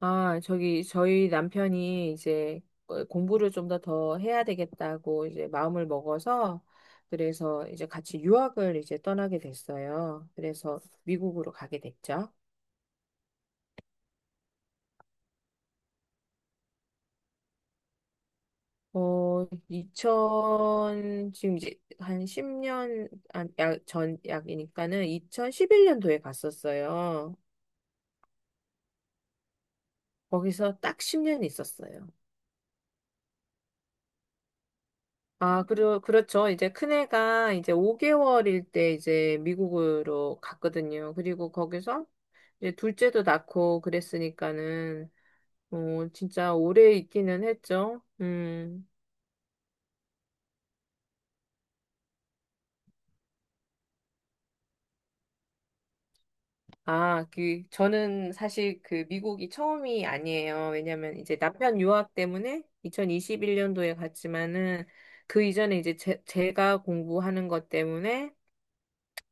아, 저기, 저희 남편이 이제 공부를 좀 더 해야 되겠다고 이제 마음을 먹어서 그래서 이제 같이 유학을 이제 떠나게 됐어요. 그래서 미국으로 가게 됐죠. 이천 지금 이제 한 10년 약, 전 약이니까는 2011년도에 갔었어요. 거기서 딱 10년 있었어요. 아, 그리고, 그렇죠. 이제 큰애가 이제 5개월일 때 이제 미국으로 갔거든요. 그리고 거기서 이제 둘째도 낳고 그랬으니까는, 진짜 오래 있기는 했죠. 음. 아, 그, 저는 사실 그 미국이 처음이 아니에요. 왜냐면 이제 남편 유학 때문에 2021년도에 갔지만은 그 이전에 이제 제가 공부하는 것 때문에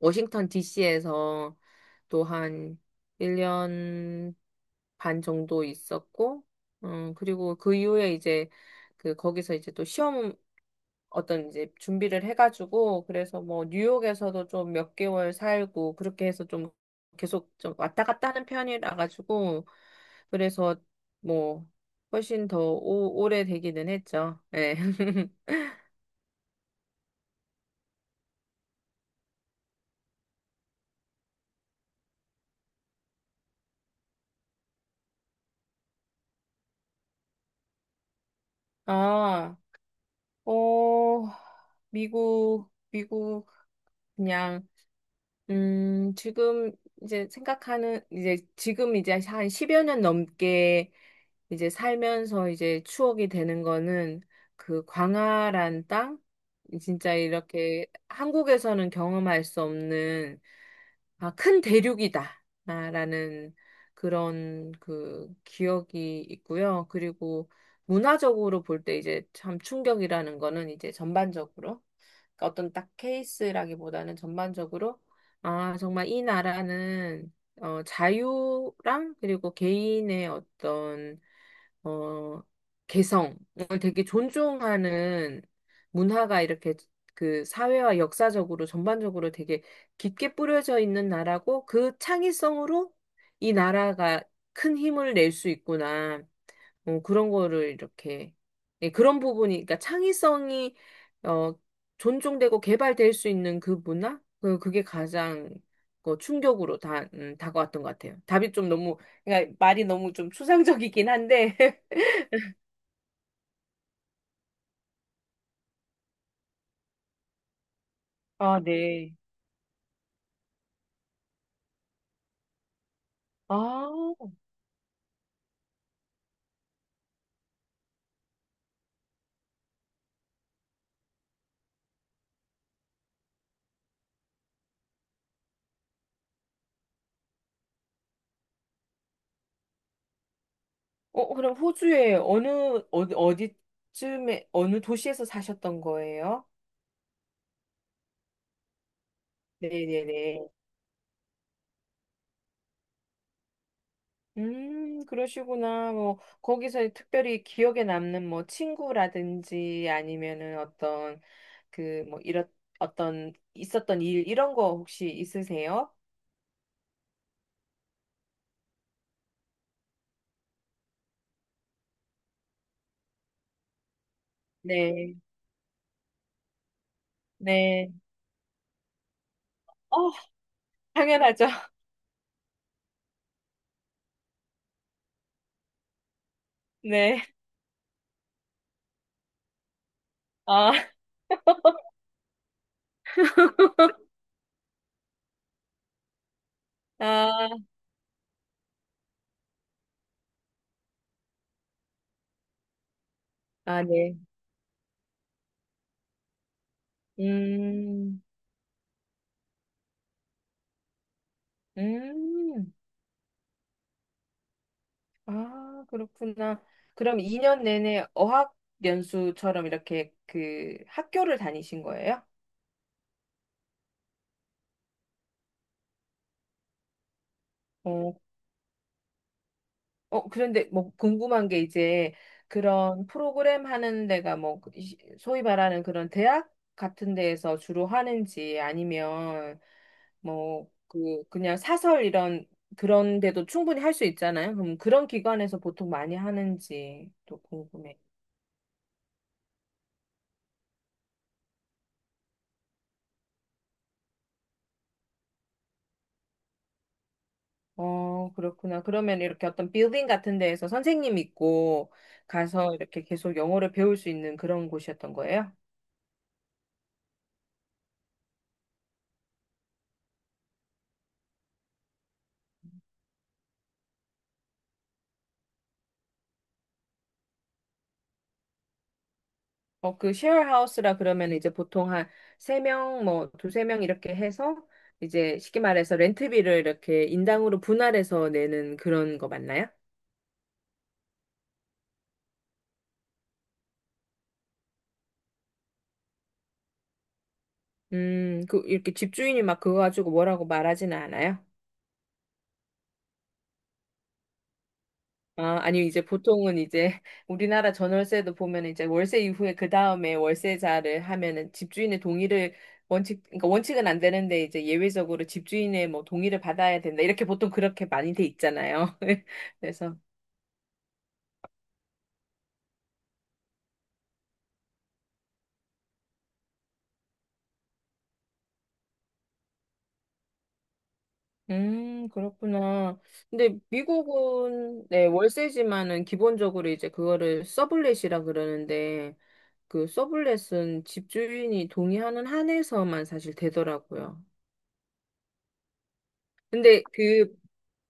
워싱턴 DC에서 또 한 1년 반 정도 있었고, 그리고 그 이후에 이제 그 거기서 이제 또 시험 어떤 이제 준비를 해가지고, 그래서 뭐 뉴욕에서도 좀 몇 개월 살고, 그렇게 해서 좀 계속 좀 왔다 갔다 하는 편이라 가지고, 그래서 뭐 훨씬 더 오래 되기는 했죠. 네. 아, 어, 미국, 미국, 그냥 지금 이제 생각하는, 이제 지금 이제 한 10여 년 넘게 이제 살면서 이제 추억이 되는 거는 그 광활한 땅? 진짜 이렇게 한국에서는 경험할 수 없는 아, 큰 대륙이다. 아, 라는 그런 그 기억이 있고요. 그리고 문화적으로 볼 때 이제 참 충격이라는 거는 이제 전반적으로. 그러니까 어떤 딱 케이스라기보다는 전반적으로 아, 정말 이 나라는 자유랑 그리고 개인의 어떤 어, 개성을 되게 존중하는 문화가 이렇게 그 사회와 역사적으로 전반적으로 되게 깊게 뿌려져 있는 나라고 그 창의성으로 이 나라가 큰 힘을 낼 수 있구나. 그런 거를 이렇게 예, 그런 부분이 그러니까 창의성이 어, 존중되고 개발될 수 있는 그 문화? 그게 가장 그 충격으로 다 다가왔던 것 같아요. 답이 좀 너무 그러니까 말이 너무 좀 추상적이긴 한데. 아, 네. 아, 그럼 호주에 어디, 어디쯤에, 어느 도시에서 사셨던 거예요? 네네네. 그러시구나. 뭐, 거기서 특별히 기억에 남는 뭐, 친구라든지 아니면은 어떤, 그, 뭐, 이런, 어떤, 있었던 일, 이런 거 혹시 있으세요? 네, 네. 어, 당연하죠. 네. 아, 아, 아, 네. 음. 음, 아, 그렇구나. 그럼 2년 내내 어학연수처럼 이렇게 그 학교를 다니신 거예요? 어, 그런데 뭐 궁금한 게 이제 그런 프로그램 하는 데가 뭐 소위 말하는 그런 대학 같은 데에서 주로 하는지 아니면 뭐 그 그냥 사설 이런 그런 데도 충분히 할 수 있잖아요. 그럼 그런 기관에서 보통 많이 하는지 또 그렇구나. 그러면 이렇게 어떤 빌딩 같은 데에서 선생님 있고 가서 이렇게 계속 영어를 배울 수 있는 그런 곳이었던 거예요? 그 쉐어하우스라 그러면 이제 보통 한 세명뭐 두세 명 이렇게 해서 이제 쉽게 말해서 렌트비를 이렇게 인당으로 분할해서 내는 그런 거 맞나요? 그 이렇게 집주인이 막 그거 가지고 뭐라고 말하지는 않아요? 아, 아니, 이제 보통은 이제 우리나라 전월세도 보면 이제 월세 이후에 그 다음에 월세자를 하면은 집주인의 동의를 그러니까 원칙은 안 되는데 이제 예외적으로 집주인의 뭐 동의를 받아야 된다. 이렇게 보통 그렇게 많이 돼 있잖아요. 그래서, 그렇구나. 근데 미국은, 네, 월세지만은 기본적으로 이제 그거를 서블렛이라 그러는데 그 서블렛은 집주인이 동의하는 한에서만 사실 되더라고요. 근데 그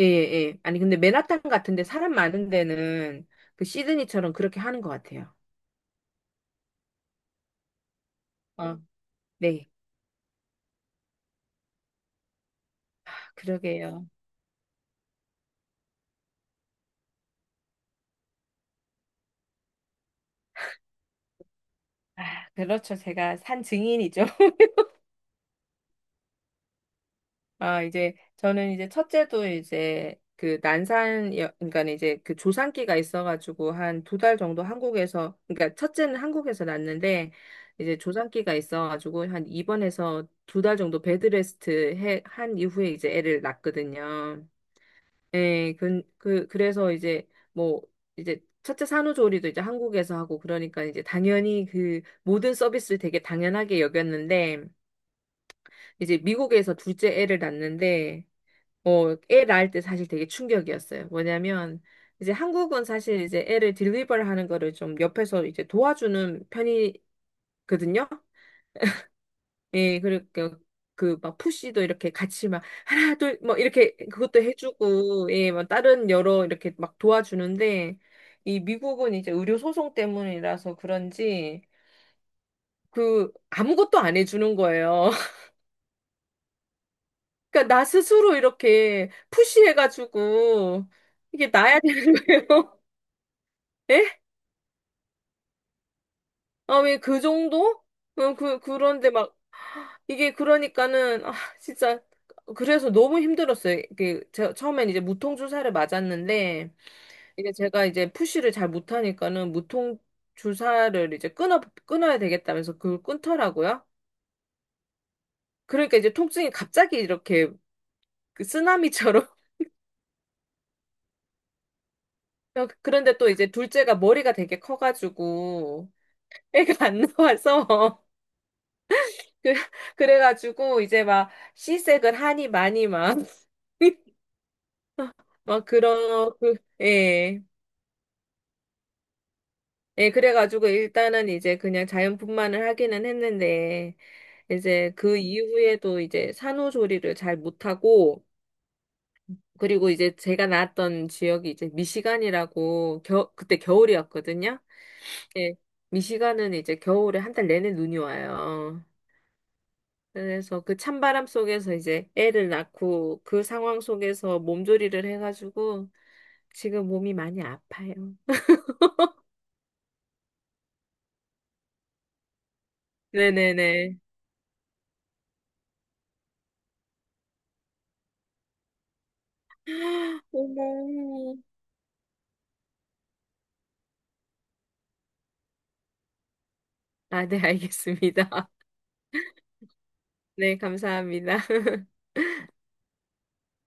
예, 예. 아니, 근데 맨하탄 같은데 사람 많은 데는 그 시드니처럼 그렇게 하는 것 같아요. 어, 네. 그러게요. 아, 그렇죠. 제가 산 증인이죠. 아, 이제 저는 이제 첫째도 이제 그 난산, 그러니까 이제 그 조산기가 있어가지고 한 두 달 정도 한국에서, 그러니까 첫째는 한국에서 낳았는데 이제 조산기가 있어가지고 한 입원해서 두 달 정도 베드레스트 한 이후에 이제 애를 낳거든요. 예, 그래서 이제 뭐 이제 첫째 산후조리도 이제 한국에서 하고 그러니까 이제 당연히 그 모든 서비스를 되게 당연하게 여겼는데 이제 미국에서 둘째 애를 낳는데 애 낳을 때 사실 되게 충격이었어요. 뭐냐면 이제 한국은 사실 이제 애를 딜리버를 하는 거를 좀 옆에서 이제 도와주는 편이 거든요. 예, 그러니까 그 막 푸시도 이렇게 같이 막 하나 둘 뭐 이렇게 그것도 해주고 예, 뭐 다른 여러 이렇게 막 도와주는데 이 미국은 이제 의료 소송 때문이라서 그런지 그 아무것도 안 해주는 거예요. 그러니까 나 스스로 이렇게 푸시해가지고 이게 나야 되는 거예요. 예? 아, 왜 그 정도? 그런데 막 이게 그러니까는 아 진짜 그래서 너무 힘들었어요. 이게 제 처음엔 이제 무통 주사를 맞았는데 이제 제가 이제 푸시를 잘 못하니까는 무통 주사를 이제 끊어야 되겠다면서 그걸 끊더라고요. 그러니까 이제 통증이 갑자기 이렇게 그 쓰나미처럼 그런데 또 이제 둘째가 머리가 되게 커가지고 애가 안 나와서 그 그래가지고 이제 막 시색을 하니 많이 막 막 그런 그 예. 예, 그래가지고 일단은 이제 그냥 자연분만을 하기는 했는데, 이제 그 이후에도 이제 산후조리를 잘 못하고, 그리고 이제 제가 낳았던 지역이 이제 미시간이라고, 그때 겨울이었거든요. 예, 미시간은 이제 겨울에 한 달 내내 눈이 와요. 그래서 그 찬바람 속에서 이제 애를 낳고 그 상황 속에서 몸조리를 해가지고 지금 몸이 많이 아파요. 네네네. 어머. 아, 네, 알겠습니다. 네, 감사합니다.